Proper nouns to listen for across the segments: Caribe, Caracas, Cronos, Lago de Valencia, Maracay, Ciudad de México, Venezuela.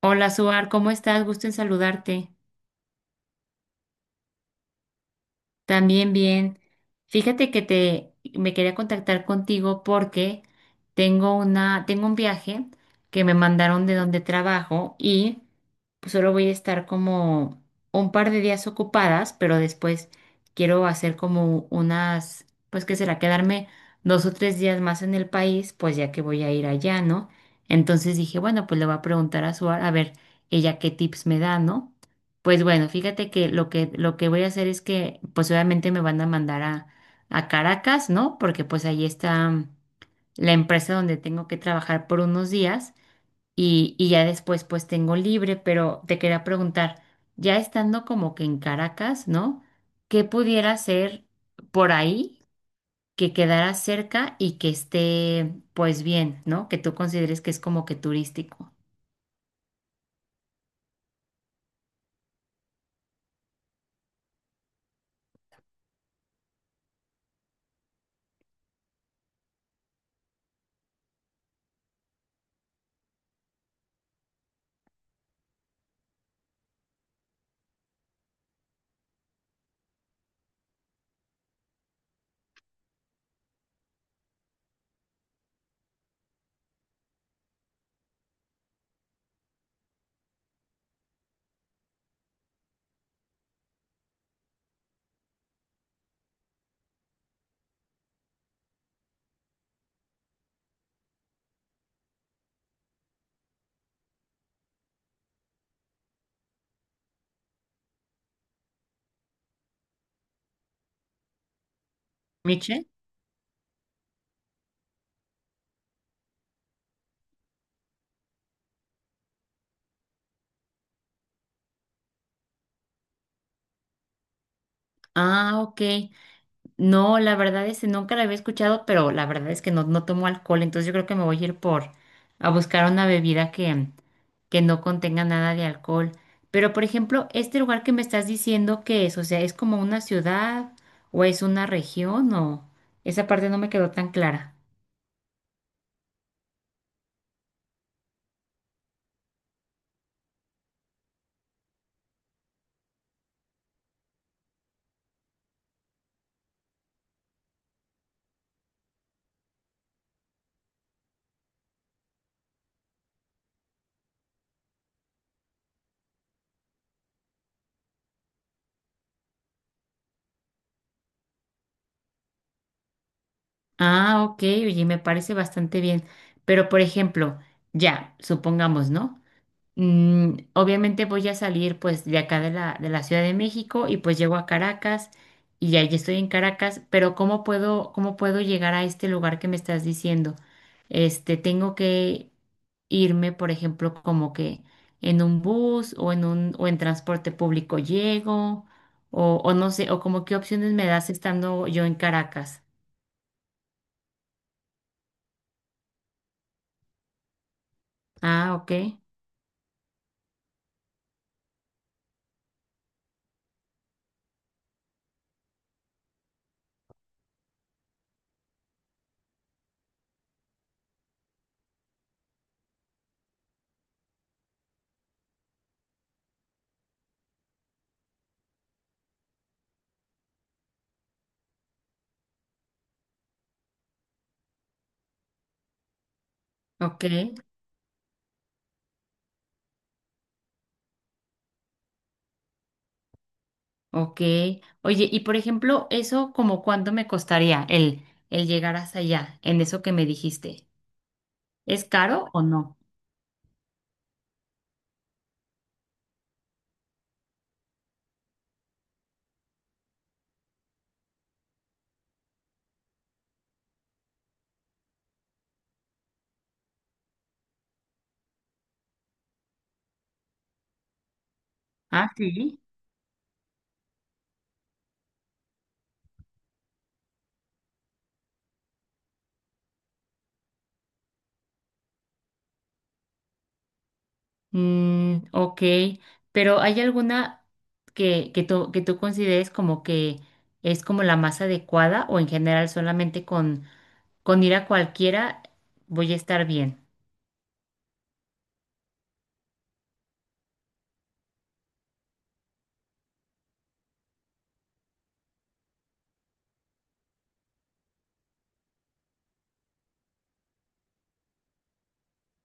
Hola, Suar, ¿cómo estás? Gusto en saludarte. También bien. Fíjate que te me quería contactar contigo porque tengo un viaje que me mandaron de donde trabajo y pues, solo voy a estar como un par de días ocupadas, pero después quiero hacer como unas, pues qué será, quedarme dos o tres días más en el país, pues ya que voy a ir allá, ¿no? Entonces dije, bueno, pues le voy a preguntar a Suar a ver ella qué tips me da, ¿no? Pues bueno, fíjate que lo que voy a hacer es que, pues obviamente me van a mandar a Caracas, ¿no? Porque pues ahí está la empresa donde tengo que trabajar por unos días y ya después pues tengo libre, pero te quería preguntar, ya estando como que en Caracas, ¿no? ¿Qué pudiera hacer por ahí que quedara cerca y que esté pues bien, ¿no? Que tú consideres que es como que turístico. Miche. Ah, ok. No, la verdad es que nunca la había escuchado, pero la verdad es que no, no tomo alcohol, entonces yo creo que me voy a ir por a buscar una bebida que no contenga nada de alcohol. Pero, por ejemplo, este lugar que me estás diciendo que es, o sea, ¿es como una ciudad o es una región o esa parte no me quedó tan clara? Ah, ok, oye, me parece bastante bien. Pero, por ejemplo, ya, supongamos, ¿no? Obviamente voy a salir pues de acá de la Ciudad de México y pues llego a Caracas y ya, ya estoy en Caracas, pero cómo puedo llegar a este lugar que me estás diciendo? Este, tengo que irme, por ejemplo, como que en un bus o en un, o en transporte público llego, o no sé, o como qué opciones me das estando yo en Caracas. Ah, ok, ok. Ok. Oye, y por ejemplo, eso como cuánto me costaría el llegar hasta allá, en eso que me dijiste. ¿Es caro o no? Ah, sí. Mm, ok. Pero ¿hay alguna que, que tú consideres como que es como la más adecuada o en general solamente con ir a cualquiera voy a estar bien?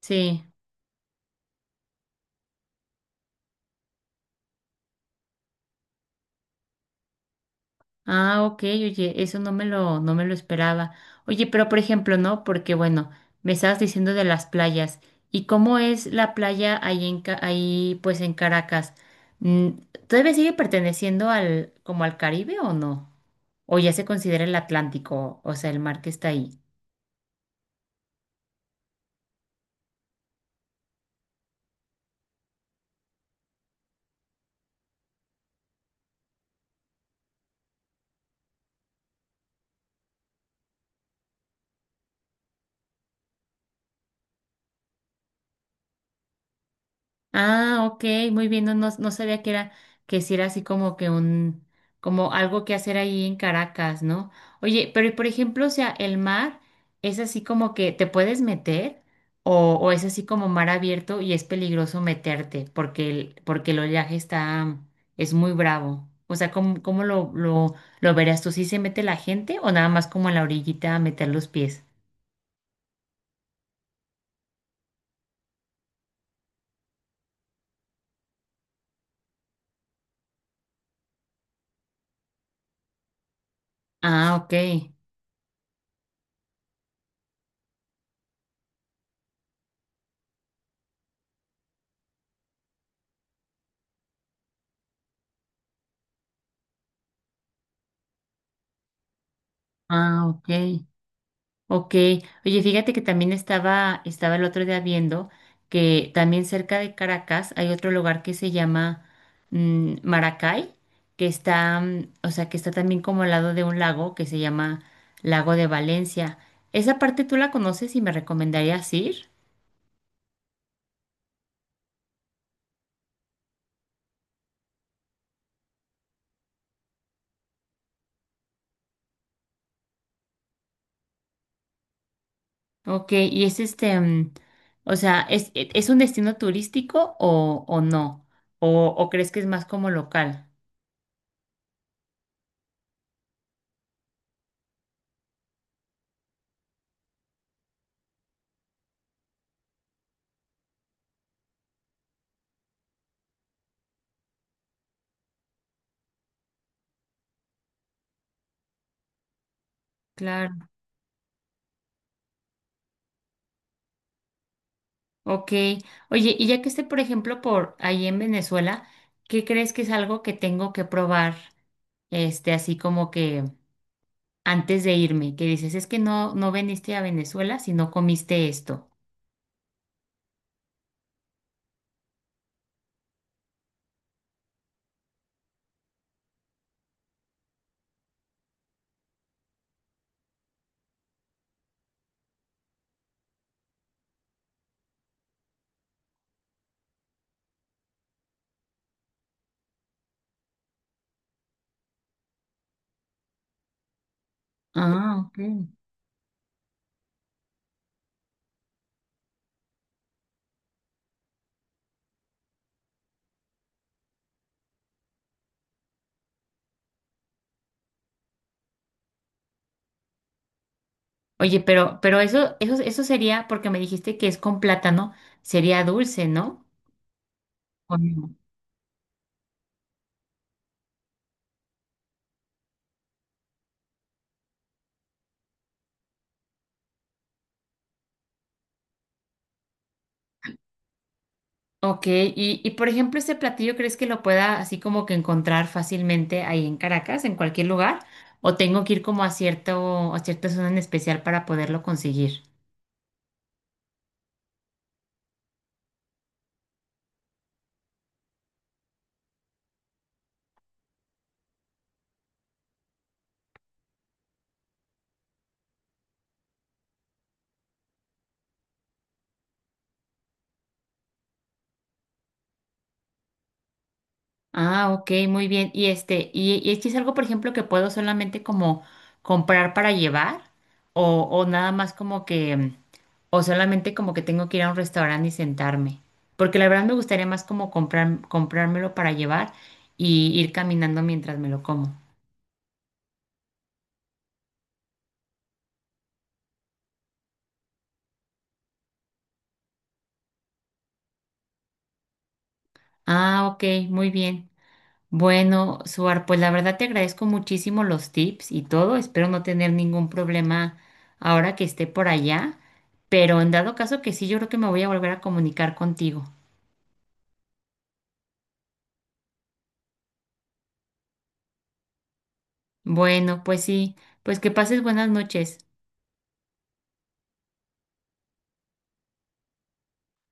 Sí. Ah, ok, oye, eso no me lo, no me lo esperaba. Oye, pero por ejemplo, ¿no? Porque bueno, me estabas diciendo de las playas. ¿Y cómo es la playa ahí en, ahí pues en Caracas? Mm, ¿Todavía sigue perteneciendo al, como al Caribe o no? ¿O ya se considera el Atlántico, o sea, el mar que está ahí? Ah, ok, muy bien, no, no, no sabía que era, que si era así como que un, como algo que hacer ahí en Caracas, ¿no? Oye, pero y por ejemplo, o sea, el mar es así como que te puedes meter o es así como mar abierto y es peligroso meterte porque el oleaje está, es muy bravo. O sea, ¿cómo, cómo lo verías tú? ¿Si se mete la gente o nada más como en la orillita a meter los pies? Ah, ok. Ah, ok. Ok, oye, fíjate que también estaba, estaba el otro día viendo que también cerca de Caracas hay otro lugar que se llama Maracay, que está, o sea, que está también como al lado de un lago que se llama Lago de Valencia. ¿Esa parte tú la conoces y me recomendarías ir? Ok, y es este, o sea, ¿es, es un destino turístico o no? O crees que es más como local? Claro. Ok, oye, y ya que esté, por ejemplo, por ahí en Venezuela, ¿qué crees que es algo que tengo que probar, este, así como que antes de irme? Que dices, es que no, no viniste a Venezuela si no comiste esto. Ah, ok. Oye, pero, pero eso sería, porque me dijiste que es con plátano, sería dulce, ¿no? ¿O no? Ok, y por ejemplo, ¿este platillo crees que lo pueda así como que encontrar fácilmente ahí en Caracas, en cualquier lugar? ¿O tengo que ir como a cierto, a cierta zona en especial para poderlo conseguir? Ah, ok, muy bien. Y este, y este es algo, por ejemplo, que puedo solamente como comprar para llevar, o nada más como que, o solamente como que tengo que ir a un restaurante y sentarme. Porque la verdad me gustaría más como comprar, comprármelo para llevar y ir caminando mientras me lo como. Ah, ok, muy bien. Bueno, Suar, pues la verdad te agradezco muchísimo los tips y todo. Espero no tener ningún problema ahora que esté por allá, pero en dado caso que sí, yo creo que me voy a volver a comunicar contigo. Bueno, pues sí, pues que pases buenas noches.